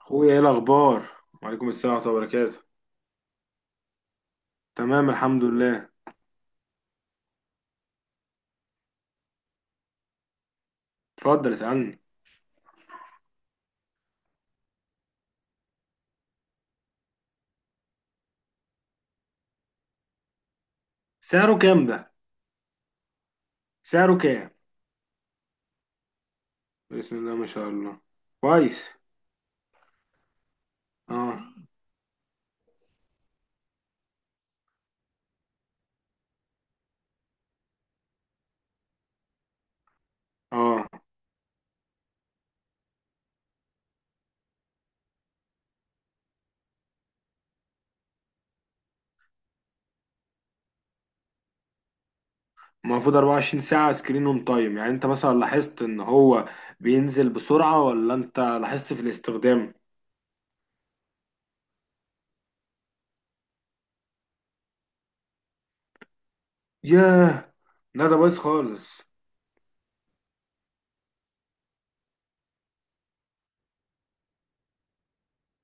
اخويا ايه الاخبار؟ وعليكم السلام ورحمه الله وبركاته. تمام الحمد لله. اتفضل اسالني. سعره كام ده؟ سعره كام؟ بسم الله ما شاء الله، كويس. اه اه، المفروض 24 ساعه سكرين اون تايم. يعني انت مثلا لاحظت ان هو بينزل بسرعه، ولا انت لاحظت في الاستخدام؟ ياه، لا ده بايظ خالص.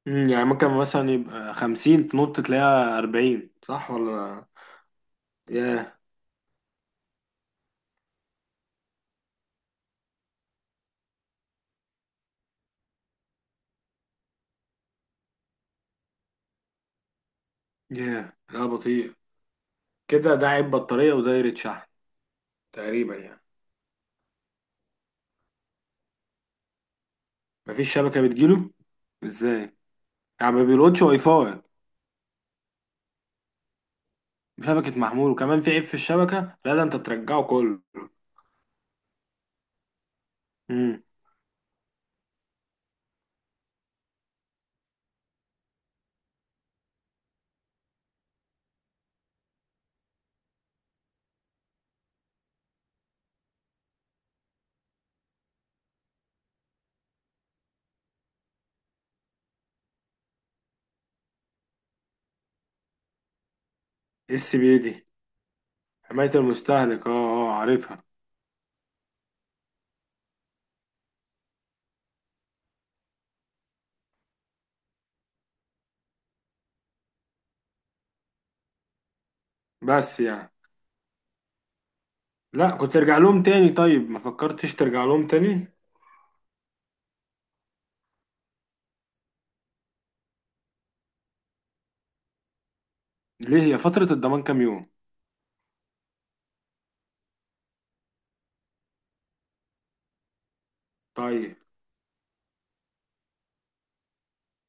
يعني ممكن مثلا يبقى 50 تنط تلاقيها 40، صح ولا؟ ياه ياه، لا بطيء. كده ده عيب بطاريه ودايره شحن. تقريبا يعني. مفيش شبكة بتجيله؟ ازاي يعني، ما بيلقطش واي فاي؟ شبكة محمول وكمان في عيب في الشبكة؟ لا ده انت ترجعه كله. امم. اس بي دي. حماية المستهلك، اه اه عارفها. بس يعني، لا كنت ترجع لهم تاني، طيب ما فكرتش ترجع لهم تاني؟ ليه، هي فترة الضمان كام يوم؟ طيب.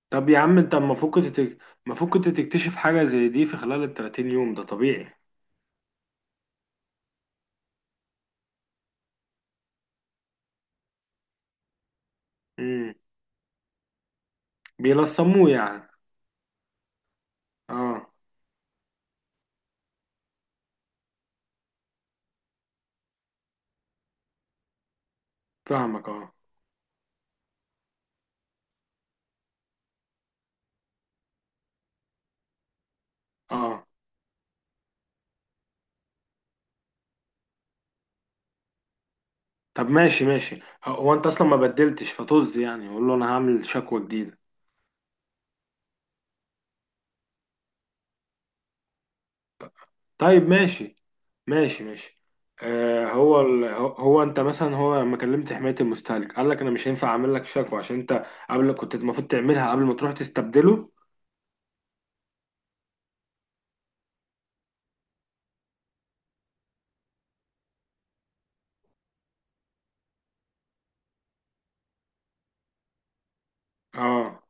طب يا عم انت المفروض كنت تك- المفروض كنت تكتشف حاجة زي دي في خلال ال 30 يوم، ده طبيعي. امم. بيلصموه يعني؟ اه. فاهمك اه. اه. طب ماشي ماشي. هو انت اصلا ما بدلتش فطز، يعني قول له انا هعمل شكوى جديده. طيب. ماشي. هو انت مثلا، هو لما كلمت حمايه المستهلك قال لك انا مش هينفع اعمل لك شكوى عشان انت قبل كنت المفروض تعملها قبل ما تروح تستبدله؟ اه.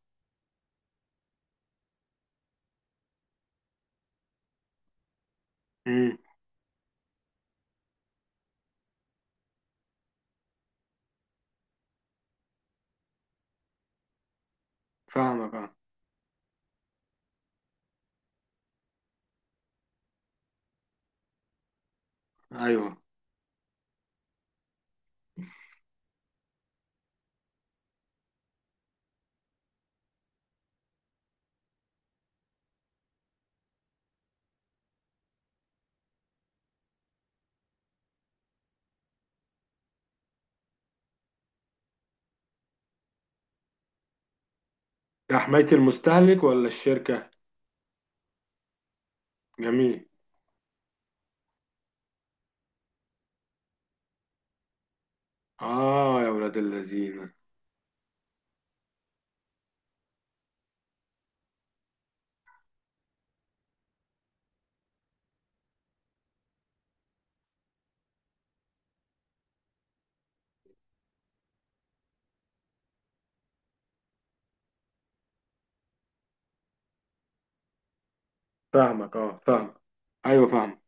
امم. فاهمك اه. ايوه. ده حمايه المستهلك ولا الشركه؟ جميل. اه يا ولاد اللذين. فاهمك اه، فاهم. ايوه فاهم.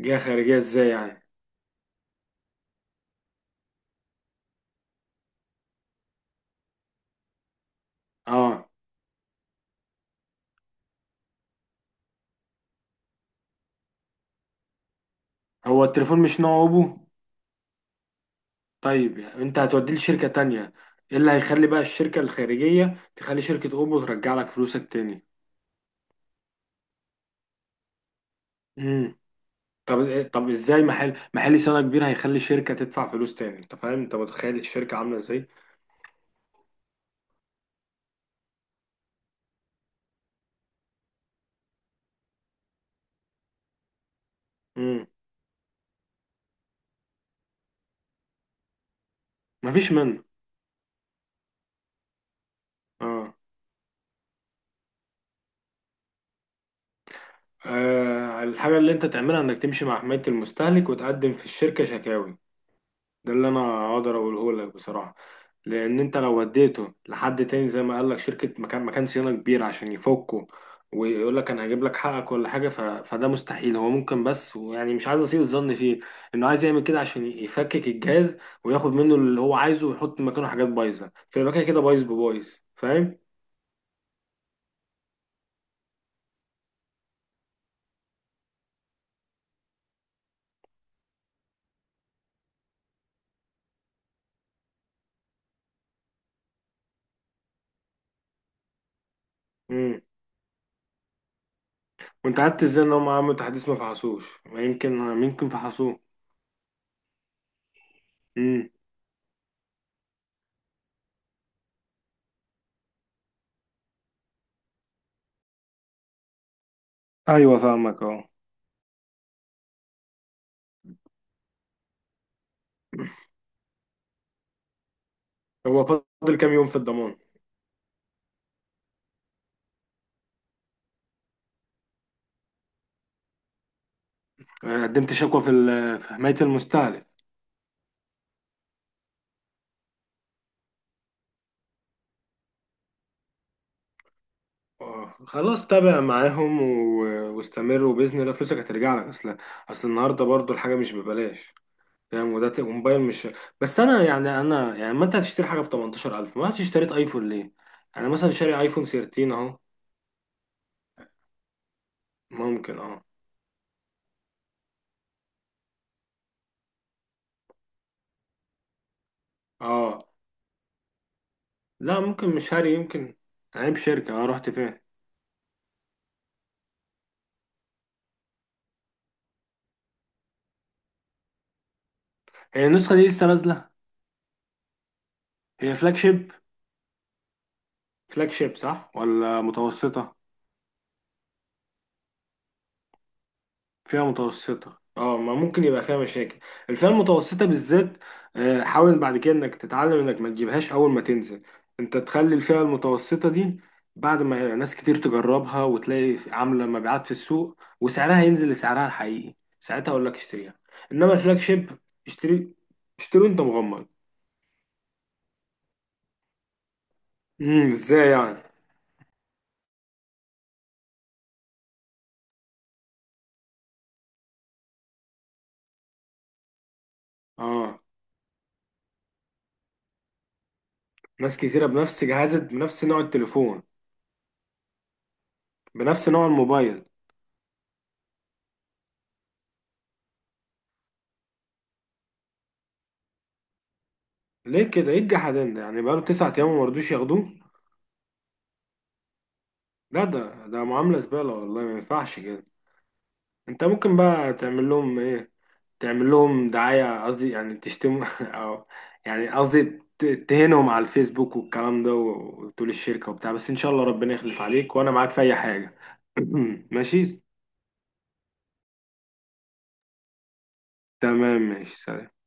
جهه خارجيه ازاي يعني؟ اه. هو التليفون مش نوع ابو؟ طيب يعني انت هتوديه لشركة تانية، ايه اللي هيخلي بقى الشركة الخارجية تخلي شركة اوبو ترجع لك فلوسك تاني؟ امم. طب ازاي محل صيانة كبير هيخلي شركة تدفع فلوس تاني؟ انت فاهم انت متخيل الشركة عاملة ازاي؟ امم. مفيش منه. اه. الحاجة اللي انت تعملها انك تمشي مع حماية المستهلك وتقدم في الشركة شكاوي. ده اللي انا اقدر اقوله لك بصراحه. لان انت لو وديته لحد تاني زي ما قال لك شركه، مكان صيانه كبير عشان يفكه ويقول لك انا هجيب لك حقك ولا حاجه، فده مستحيل. هو ممكن بس، ويعني مش عايز اسيء الظن فيه انه عايز يعمل كده عشان يفكك الجهاز وياخد منه اللي هو عايزه ويحط مكانه حاجات بايظه، فيبقى كده كده بايظ ببايظ. فاهم؟ امم. وانت عرفت ازاي ان هم عملوا تحديث ما فحصوش؟ ما يمكن يمكن فحصوه. امم. ايوه فاهمك اه. هو فاضل كام يوم في الضمان؟ قدمت شكوى في في حماية المستهلك؟ خلاص تابع معاهم واستمر، وبإذن الله فلوسك هترجع لك. أصل، أصل النهاردة برضو الحاجة مش ببلاش. فاهم؟ وموبايل مش بس. أنا يعني، أنا يعني ما أنت هتشتري حاجة ب 18000، ما أنت اشتريت أيفون ليه؟ أنا مثلا شاري أيفون 13 أهو. ممكن أه أه. لا ممكن مش هاري، يمكن عيب شركة. أنا رحت فين؟ هي النسخة دي لسه نازلة؟ هي فلاج شيب؟ فلاج شيب صح ولا متوسطة؟ فئة متوسطة اه، ما ممكن يبقى فيها مشاكل. الفئة المتوسطة بالذات. حاول بعد كده انك تتعلم انك ما تجيبهاش اول ما تنزل. انت تخلي الفئة المتوسطة دي بعد ما ناس كتير تجربها وتلاقي عاملة مبيعات في السوق وسعرها ينزل لسعرها الحقيقي، ساعتها اقول لك اشتريها. انما الفلاج شيب اشتري، اشتري وانت مغمض. امم. ازاي يعني؟ اه. ناس كتيرة بنفس جهاز، بنفس نوع التليفون، بنفس نوع الموبايل؟ ليه كده، ايه الجحدان ده؟ يعني بقاله 9 ايام ومرضوش ياخدوه؟ لا ده ده معاملة زبالة، والله ما ينفعش كده. انت ممكن بقى تعمل لهم ايه؟ تعمل لهم دعاية، قصدي يعني تشتم او يعني قصدي تهينهم على الفيسبوك والكلام ده وتقول الشركة وبتاع. بس ان شاء الله ربنا يخلف عليك، وانا معاك في اي حاجة. ماشي. تمام ماشي، سلام.